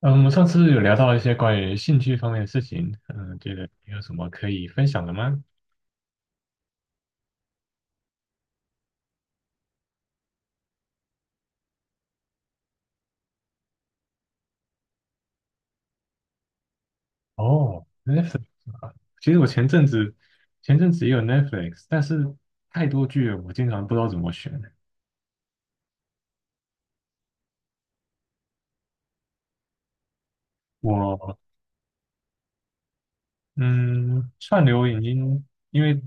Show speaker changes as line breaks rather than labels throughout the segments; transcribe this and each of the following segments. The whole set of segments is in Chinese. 嗯，我们上次有聊到一些关于兴趣方面的事情，觉得你有什么可以分享的吗？哦，Netflix 啊，其实我前阵子也有 Netflix，但是太多剧了，我经常不知道怎么选。我嗯，串流已经因为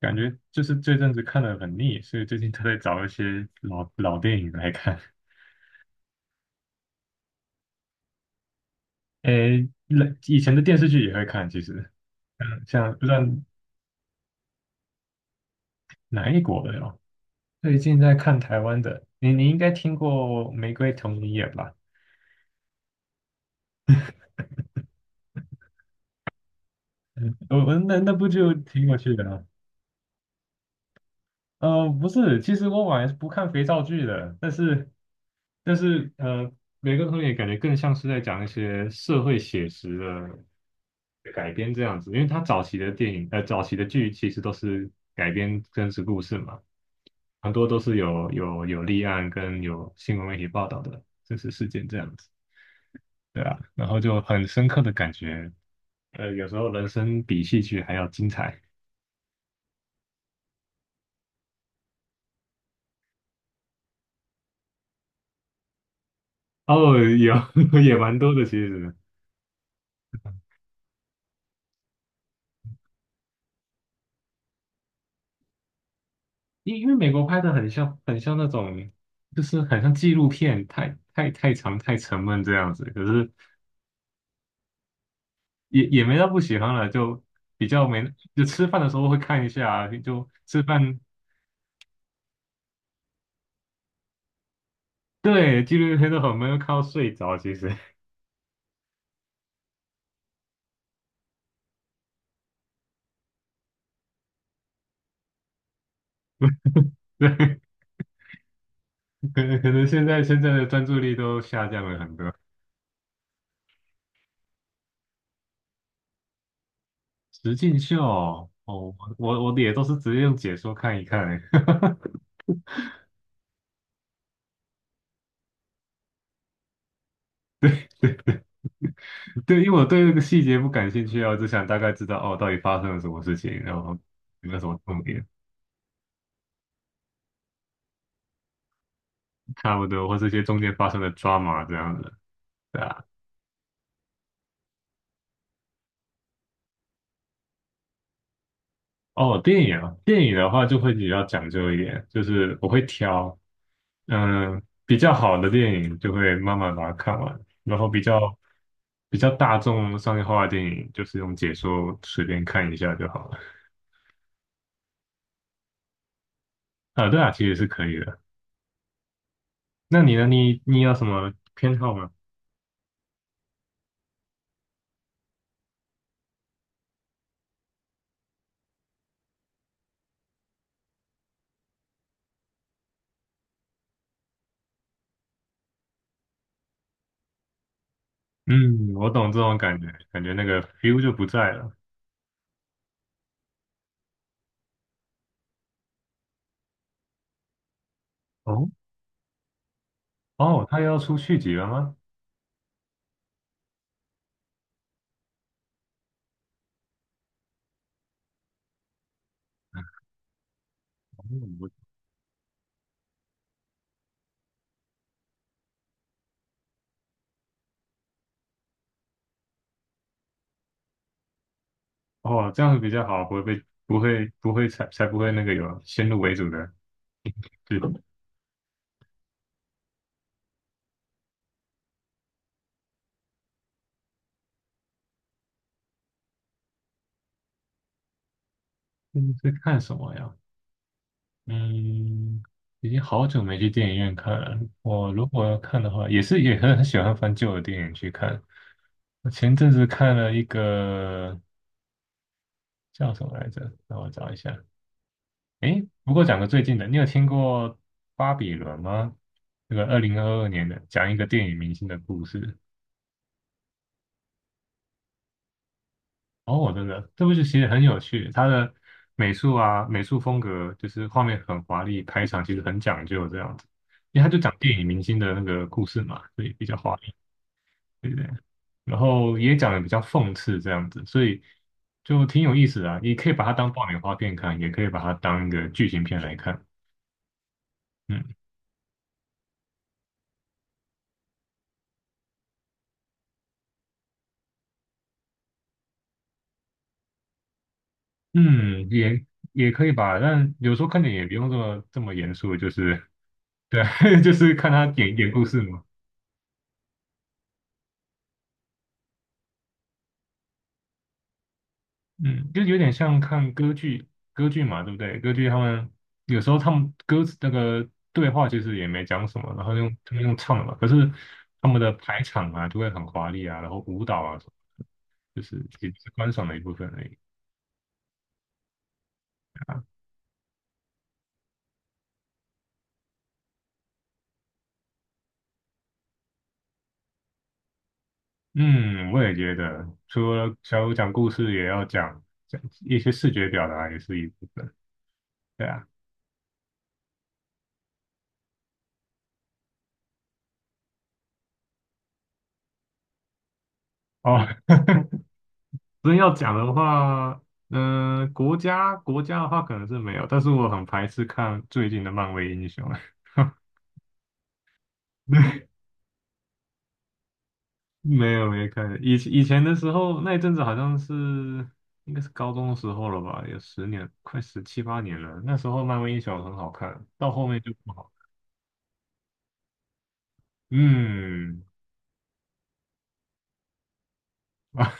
感觉就是这阵子看的很腻，所以最近都在找一些老电影来看。诶，以前的电视剧也会看，其实像不知道哪一国的哦。最近在看台湾的，你应该听过《玫瑰童林》演吧？嗯，我那部就挺有趣的啊。不是，其实我本来是不看肥皂剧的，但是《玫瑰童林》感觉更像是在讲一些社会写实的改编这样子，因为他早期的早期的剧其实都是改编真实故事嘛，很多都是有立案跟有新闻媒体报道的真实事件这样子。对啊，然后就很深刻的感觉有时候人生比戏剧还要精彩。哦，有 也蛮多的其实。因为美国拍的很像那种，就是很像纪录片，太长太沉闷这样子，可是也没到不喜欢了，就比较没就吃饭的时候会看一下啊，就吃饭对纪录片都很闷，看到睡着其实。 对，可能现在的专注力都下降了很多。实境秀哦，我也都是直接用解说看一看哈。对，因为我对这个细节不感兴趣啊，我只想大概知道哦，到底发生了什么事情，然后有没有什么重点，差不多，或这些中间发生的 drama 这样的，对啊。哦，电影的话就会比较讲究一点，就是我会挑。嗯，比较好的电影就会慢慢把它看完，然后比较大众商业化的电影，就是用解说随便看一下就好了。啊，对啊，其实是可以的。那你呢？你有什么偏好吗？嗯，我懂这种感觉，感觉那个 feel 就不在了。哦哦，他要出续集了吗？哦，我哦这样子比较好，不会才不会那个有先入为主的。最嗯是 看什么呀？嗯，已经好久没去电影院看了。我如果要看的话，也很喜欢翻旧的电影去看。我前阵子看了一个叫什么来着？让我找一下。诶，不过讲个最近的，你有听过《巴比伦》吗？这个2022年的，讲一个电影明星的故事。哦，真的，这部剧其实很有趣，它的美术风格就是画面很华丽，开场其实很讲究这样子，因为他就讲电影明星的那个故事嘛，所以比较华丽，对不对？然后也讲的比较讽刺这样子，所以就挺有意思的啊。你可以把它当爆米花片看，也可以把它当一个剧情片来看。嗯。嗯，也也可以吧，但有时候看电影也不用这么严肃，就是对。就是看他演点故事嘛。嗯，就有点像看歌剧，歌剧嘛，对不对？歌剧他们有时候他们歌词那个对话其实也没讲什么，然后用他们用唱的嘛，可是他们的排场啊就会很华丽啊，然后舞蹈啊什么，就是也是观赏的一部分而已啊。嗯，我也觉得，除了小五讲故事，也要讲讲一些视觉表达，也是一部分。对啊。哦，真要讲的话，国家的话可能是没有，但是我很排斥看最近的漫威英雄。没有没有看，以前的时候那一阵子好像是应该是高中的时候了吧，有10年，快17、18年了。那时候漫威英雄很好看，到后面就不好。嗯，啊，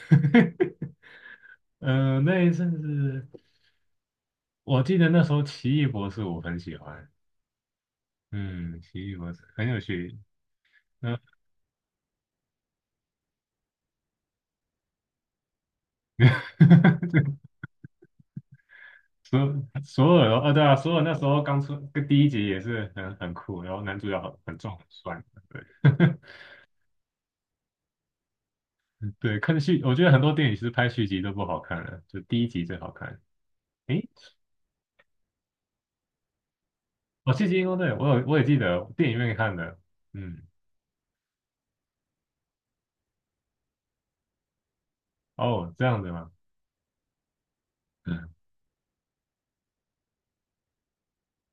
那一阵子我记得那时候奇异博士我很喜欢。嗯，奇异博士很有趣。嗯，索所有哦，哦对啊，所有那时候刚出跟第一集也是很酷，然后男主角很壮很帅，对。 对，我觉得很多电影其实拍续集都不好看了，就第一集最好看。诶，哦，谢金哦，对，我也记得电影院看的。嗯，哦，这样子吗？嗯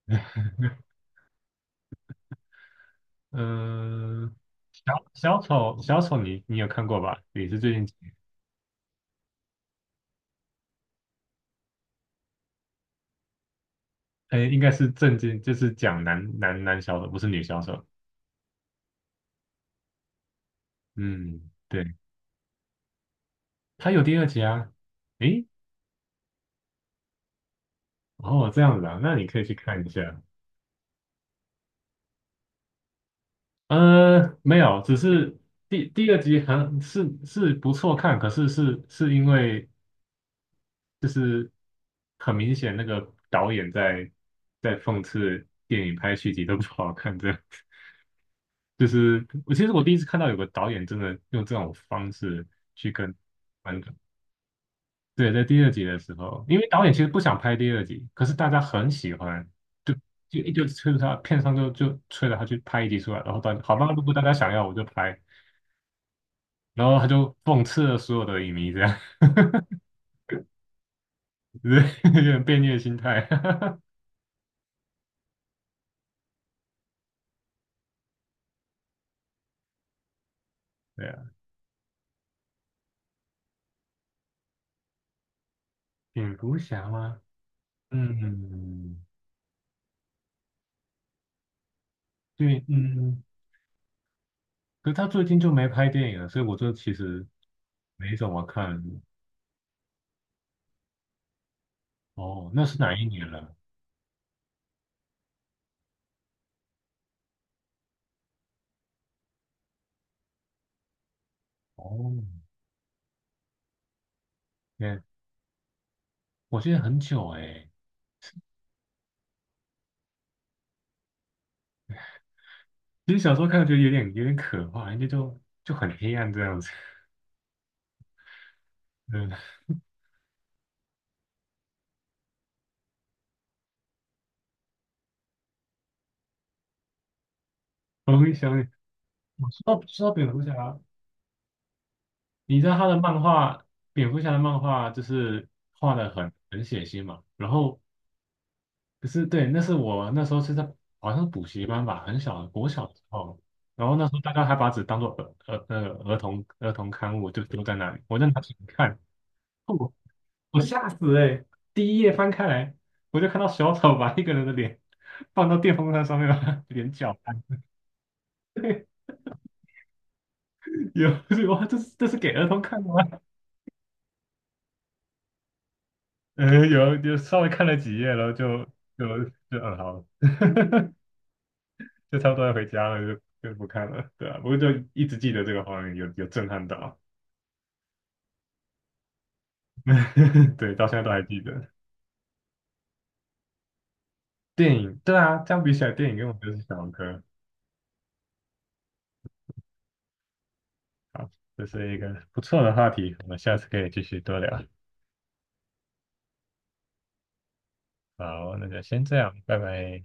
嗯，小丑你有看过吧？也是最近，诶，应该是正经，就是讲男小丑，不是女小丑。嗯，对，他有第二集啊。诶，哦，这样子啊，那你可以去看一下。没有，只是第二集很是不错看，可是是因为就是很明显那个导演在讽刺电影拍续集都不好看，这样就是我其实第一次看到有个导演真的用这种方式去跟观众。对，在第二集的时候，因为导演其实不想拍第二集，可是大家很喜欢，就就催着他，片商就催着他去拍一集出来，然后导演好吧，如果大家想要我就拍，然后他就讽刺了所有的影迷，这样。对，有点变虐心态。对啊，蝙蝠侠吗？嗯，对，可是他最近就没拍电影了，所以我就其实没怎么看。哦，那是哪一年了？哦，对，我记得很久哎、其实小时候看觉得有点可怕，因为就很黑暗这样子。嗯，我会想，我知道蝙蝠侠，你知道他的漫画，蝙蝠侠的漫画就是画的很血腥嘛。然后可是对，那是我那时候好像是补习班吧，很小国小的时候，然后那时候大家还把纸当做儿儿那个儿童儿童刊物就丢在那里，我就拿起来看，哦，我吓死哎、欸！第一页翻开来，我就看到小丑把一个人的脸放到电风扇上面，把他脸搅拌。有哇，这是给儿童看的吗？有稍微看了几页，然后就就好了，就差不多要回家了，就不看了。对啊，不过就一直记得这个画面，有震撼到。对，到现在都还记得。电影，对啊，这样比起来，电影跟我就是小儿科。好，这是一个不错的话题，我们下次可以继续多聊。好，那就先这样，拜拜。